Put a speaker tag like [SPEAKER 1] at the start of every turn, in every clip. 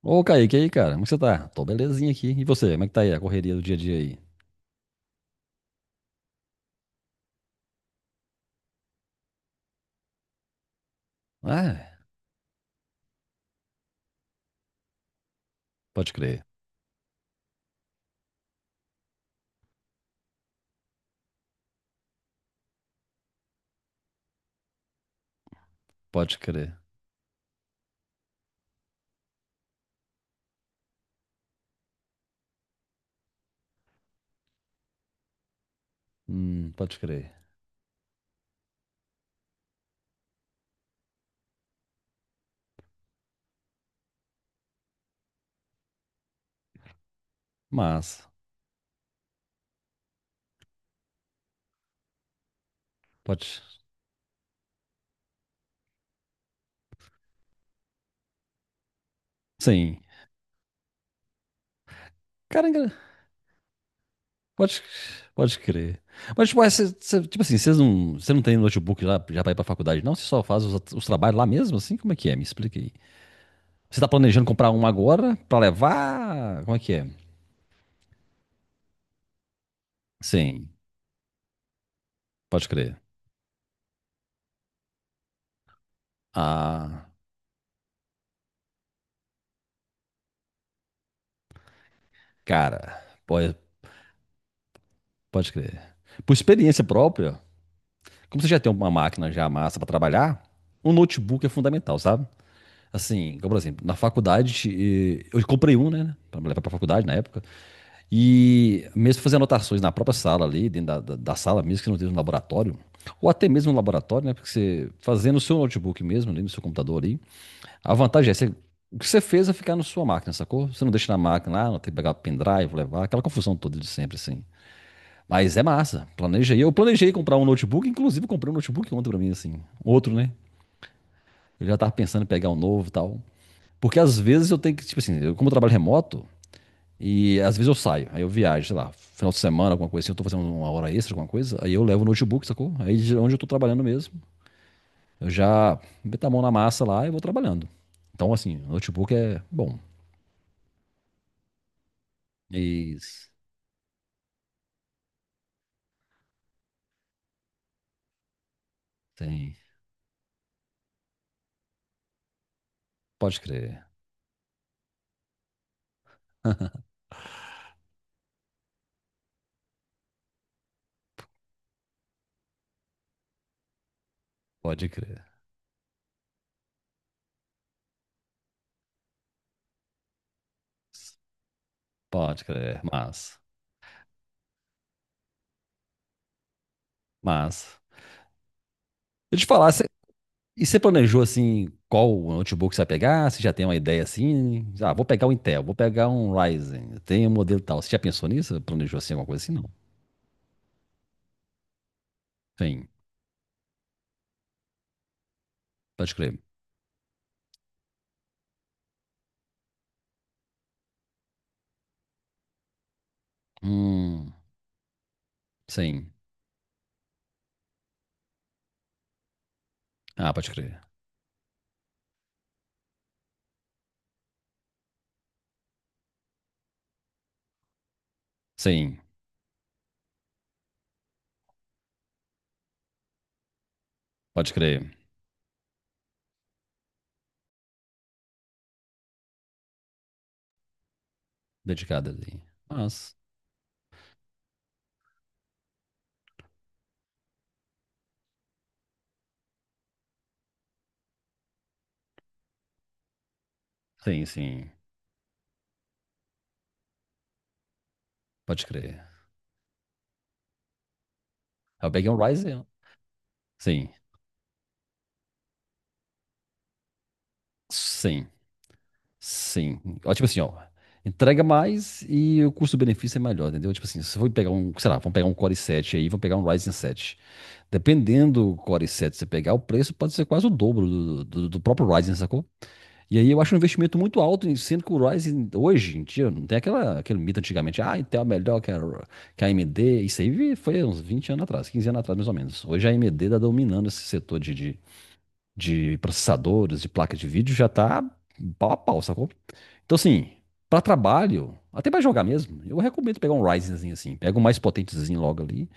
[SPEAKER 1] Ô, Kaique, e aí, cara? Como que você tá? Tô belezinha aqui. E você, como é que tá aí a correria do dia a dia aí? Ah, pode crer, pode crer. Pode crer. Mas, pode. Sim. Cara, pode, pode crer. Mas, tipo, é, tipo assim, vocês não, você não tem notebook lá já pra ir pra faculdade, não? Você só faz os trabalhos lá mesmo, assim? Como é que é? Me explica aí. Você tá planejando comprar um agora pra levar? Como é que é? Sim, pode crer. Ah, cara, pode, pode crer. Por experiência própria, como você já tem uma máquina já massa para trabalhar, um notebook é fundamental, sabe? Assim, como por exemplo, na faculdade, eu comprei um, né, para levar para faculdade na época, e mesmo fazer anotações na própria sala ali, dentro da sala mesmo, que não tenha um laboratório, ou até mesmo um laboratório, né, porque você fazendo no seu notebook mesmo, ali no seu computador ali, a vantagem é você, o que você fez é ficar na sua máquina, sacou? Você não deixa na máquina lá, não tem que pegar pendrive, levar, aquela confusão toda de sempre, assim. Mas é massa. Planejei. Eu planejei comprar um notebook, inclusive eu comprei um notebook ontem pra mim, assim. Outro, né? Eu já tava pensando em pegar um novo e tal. Porque às vezes eu tenho que, tipo assim, eu, como eu trabalho remoto, e às vezes eu saio, aí eu viajo, sei lá, final de semana, alguma coisa assim, eu tô fazendo uma hora extra, alguma coisa, aí eu levo o notebook, sacou? Aí de onde eu tô trabalhando mesmo, eu já meto a mão na massa lá e vou trabalhando. Então, assim, notebook é bom. Isso, tem. Pode crer. Pode crer. Pode crer. Mas. Deixa eu te falar, você E você planejou assim qual notebook que você vai pegar? Você já tem uma ideia assim? Ah, vou pegar um Intel, vou pegar um Ryzen, eu tenho um modelo tal. Você já pensou nisso? Planejou assim alguma coisa assim? Não. Sim, pode crer. Hum, sim. Ah, pode crer. Sim, pode crer. Dedicado ali. Mas, sim, sim, pode crer. Ah, eu peguei um Ryzen. Sim, sim, sim. Ó, tipo assim, ó. Entrega mais e o custo-benefício é melhor, entendeu? Tipo assim, se for pegar um, sei lá, vamos pegar um Core i7 aí, vamos pegar um Ryzen 7. Dependendo do Core 7 você pegar, o preço pode ser quase o dobro do próprio Ryzen, sacou? E aí eu acho um investimento muito alto, sendo que o Ryzen hoje em dia não tem aquela, aquele mito antigamente, ah, Intel é melhor que a AMD. Isso aí foi uns 20 anos atrás, 15 anos atrás mais ou menos. Hoje a AMD está dominando esse setor de processadores, de placa de vídeo, já está pau a pau, sacou? Então assim, para trabalho, até para jogar mesmo, eu recomendo pegar um Ryzenzinho assim, pega o mais potentezinho logo ali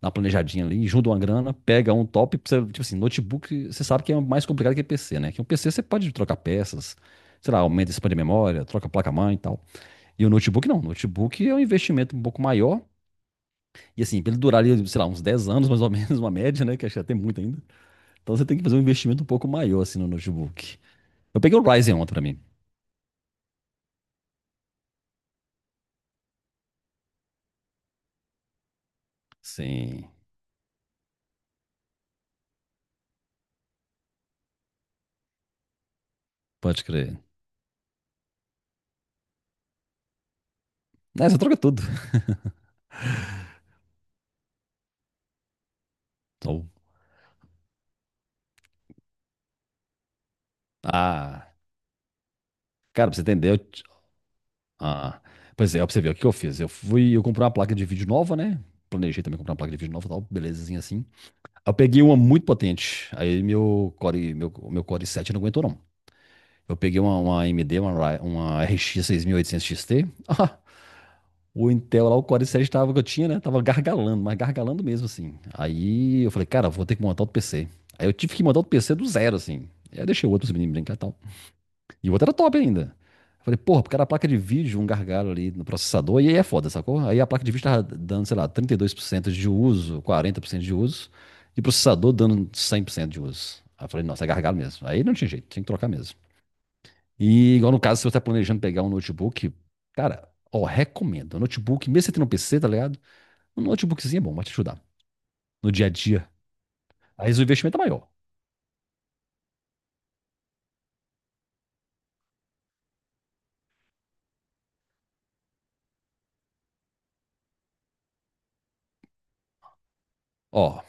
[SPEAKER 1] na planejadinha ali, junta uma grana, pega um top, tipo assim, notebook, você sabe que é mais complicado que PC, né? Que um PC você pode trocar peças, sei lá, aumenta, expande a memória, troca a placa-mãe e tal. E o notebook não, o notebook é um investimento um pouco maior, e assim, pra ele durar ali, sei lá, uns 10 anos mais ou menos, uma média, né? Que acho que até muito ainda. Então você tem que fazer um investimento um pouco maior, assim, no notebook. Eu peguei o Ryzen ontem pra mim. Sim, pode crer. Né, você troca tudo. Então, ah, cara, pra você entender, ah, pois é, ó, pra você ver, o que eu fiz? Eu fui, eu comprei uma placa de vídeo nova, né? Planejei também comprar uma placa de vídeo nova e tal, belezinha assim. Aí eu peguei uma muito potente, aí meu Core, meu Core 7 não aguentou não. Eu peguei uma AMD, uma RX 6800 XT. Ah, o Intel lá, o Core 7 tava, que eu tinha, né? Tava gargalando, mas gargalando mesmo assim. Aí eu falei, cara, vou ter que montar outro PC. Aí eu tive que montar outro PC do zero, assim. Aí eu deixei o outro menino brincar tal. E o outro era top ainda. Eu falei, porra, porque era a placa de vídeo, um gargalo ali no processador, e aí é foda, sacou? Aí a placa de vídeo tava dando, sei lá, 32% de uso, 40% de uso, e o processador dando 100% de uso. Aí eu falei, nossa, é gargalo mesmo. Aí não tinha jeito, tinha que trocar mesmo. E igual no caso, se você tá planejando pegar um notebook, cara, ó, recomendo. Um notebook, mesmo você tendo um PC, tá ligado? Um notebookzinho é bom, vai te ajudar no dia a dia. Aí o investimento é maior. Ó,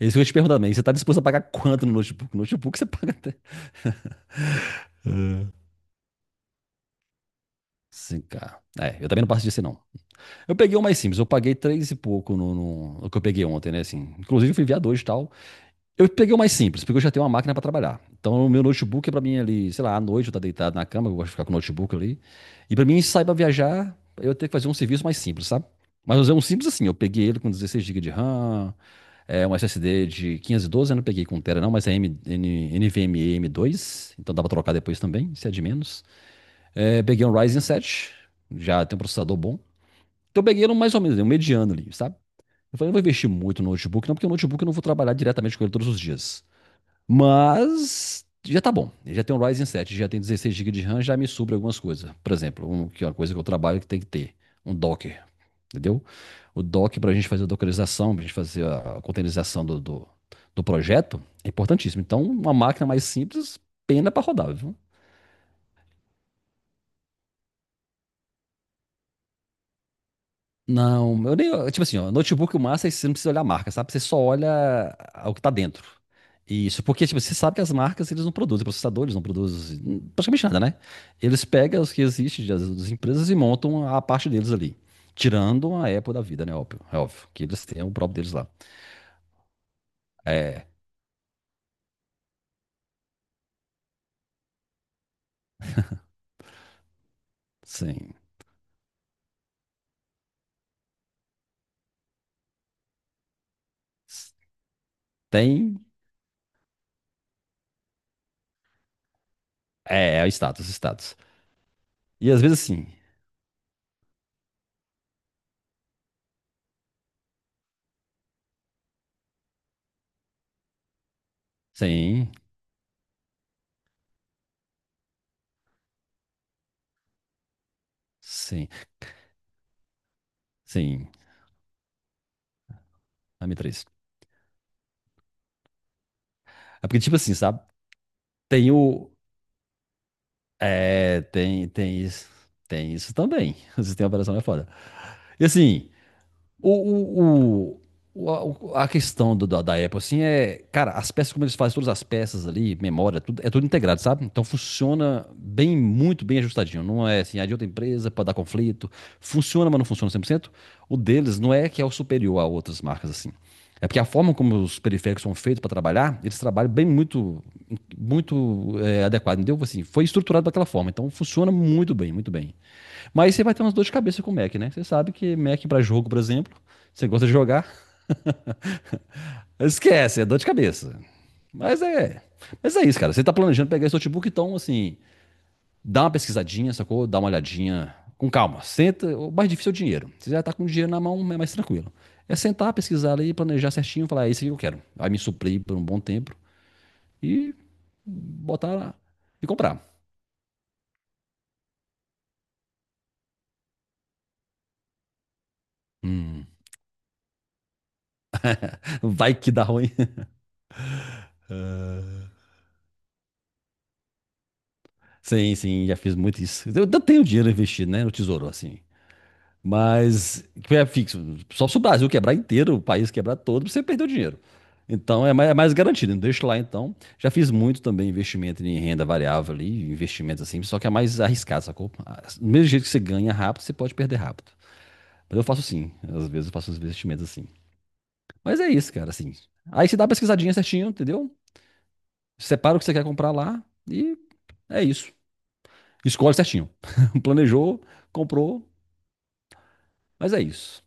[SPEAKER 1] isso que eu ia te perguntar também, você tá disposto a pagar quanto no notebook? No notebook você paga até 5K. É, eu também não passo disso, não. Eu peguei um mais simples, eu paguei três e pouco no que eu peguei ontem, né? Assim, inclusive eu fui enviado hoje e tal. Eu peguei o mais simples, porque eu já tenho uma máquina pra trabalhar. Então o meu notebook é pra mim ali, sei lá, à noite eu tá deitado na cama, eu gosto de ficar com o notebook ali. E pra mim sair pra viajar, eu tenho que fazer um serviço mais simples, sabe? Mas eu usei um simples assim, eu peguei ele com 16 GB de RAM, é, um SSD de 512 eu não peguei com Tera não, mas é M, N, NVMe m dois então dá pra trocar depois também, se é de menos. É, peguei um Ryzen 7, já tem um processador bom. Então eu peguei ele mais ou menos, né, um mediano ali, sabe? Eu falei, não vou investir muito no notebook, não, porque o notebook eu não vou trabalhar diretamente com ele todos os dias. Mas já tá bom. Ele já tem um Ryzen 7, já tem 16 GB de RAM, já me sobra algumas coisas. Por exemplo, que é uma coisa que eu trabalho que tem que ter, um Docker, entendeu? O Docker para a gente fazer a dockerização, para a gente fazer a containerização do projeto, é importantíssimo. Então, uma máquina mais simples, pena para rodar, viu? Não, eu nem. Tipo assim, ó, notebook, o massa é que você não precisa olhar a marca, sabe? Você só olha o que tá dentro. Isso, porque, tipo, você sabe que as marcas, eles não produzem, processadores não produzem praticamente nada, né? Eles pegam os que existem das empresas e montam a parte deles ali. Tirando a Apple da vida, né? Óbvio, é óbvio que eles têm o próprio deles lá. É, sim. Tem. É, é o status, status. E às vezes, sim. Sim, sim, sim. A M3. É porque, tipo assim, sabe? Tem o. É, tem, tem isso. Tem isso também. O sistema operacional é foda. E assim, o, o, a questão da Apple, assim, é. Cara, as peças, como eles fazem todas as peças ali, memória, tudo, é tudo integrado, sabe? Então funciona bem, muito bem ajustadinho. Não é assim, a de outra empresa para dar conflito. Funciona, mas não funciona 100%. O deles não é que é o superior a outras marcas, assim. É porque a forma como os periféricos são feitos para trabalhar, eles trabalham bem muito, muito é, adequado, entendeu? Assim, foi estruturado daquela forma, então funciona muito bem, muito bem. Mas você vai ter umas dor de cabeça com o Mac, né? Você sabe que Mac para jogo, por exemplo, você gosta de jogar, esquece, é dor de cabeça. Mas é, mas é isso, cara. Você tá planejando pegar esse notebook, então, assim, dá uma pesquisadinha, sacou? Dá uma olhadinha com calma. Senta, o mais difícil é o dinheiro. Você já tá com o dinheiro na mão, é mais tranquilo. É sentar, pesquisar ali, planejar certinho, falar, é isso que eu quero. Aí me suprir por um bom tempo e botar lá e comprar. Hum, vai que dá ruim. Sim, sim, já fiz muito isso. Eu tenho dinheiro investido, né, no tesouro, assim. Mas que é fixo. Só se o Brasil quebrar inteiro, o país quebrar todo, você perdeu dinheiro. Então é mais garantido, né? Deixa lá então. Já fiz muito também investimento em renda variável ali, investimentos assim, só que é mais arriscado, sacou? Ah, do mesmo jeito que você ganha rápido, você pode perder rápido. Mas eu faço sim. Às vezes eu faço os investimentos assim. Mas é isso, cara, assim. Aí você dá uma pesquisadinha certinho, entendeu? Separa o que você quer comprar lá e é isso. Escolhe certinho. Planejou, comprou, mas é isso.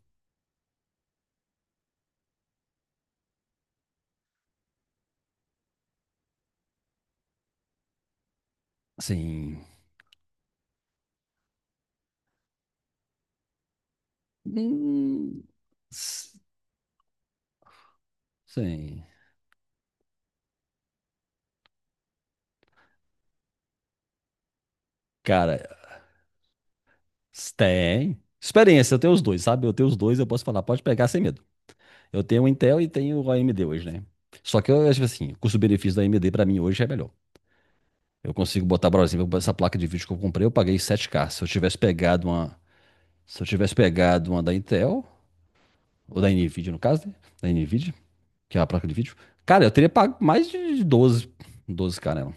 [SPEAKER 1] Assim. hum, S- Sim. Cara, tem. Experiência, eu tenho os dois, sabe? Eu tenho os dois, eu posso falar, pode pegar sem medo. Eu tenho o Intel e tenho o AMD hoje, né? Só que eu acho assim, o custo-benefício da AMD pra mim hoje é melhor. Eu consigo botar, por exemplo, essa placa de vídeo que eu comprei, eu paguei 7K. Se eu tivesse pegado uma, se eu tivesse pegado uma da Intel, ou da Nvidia no caso, né? Da Nvidia, que é a placa de vídeo, cara, eu teria pago mais de doze k nela.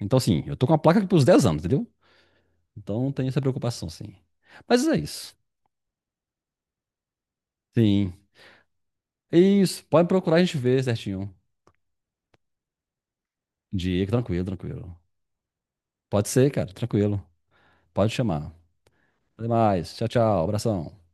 [SPEAKER 1] Então, assim, eu tô com a placa aqui pros 10 anos, entendeu? Então, não tem essa preocupação, sim. Mas é isso. Sim. Isso, pode procurar a gente ver certinho. Dica, tranquilo, tranquilo. Pode ser, cara, tranquilo. Pode chamar. Até mais. Tchau, tchau. Abração.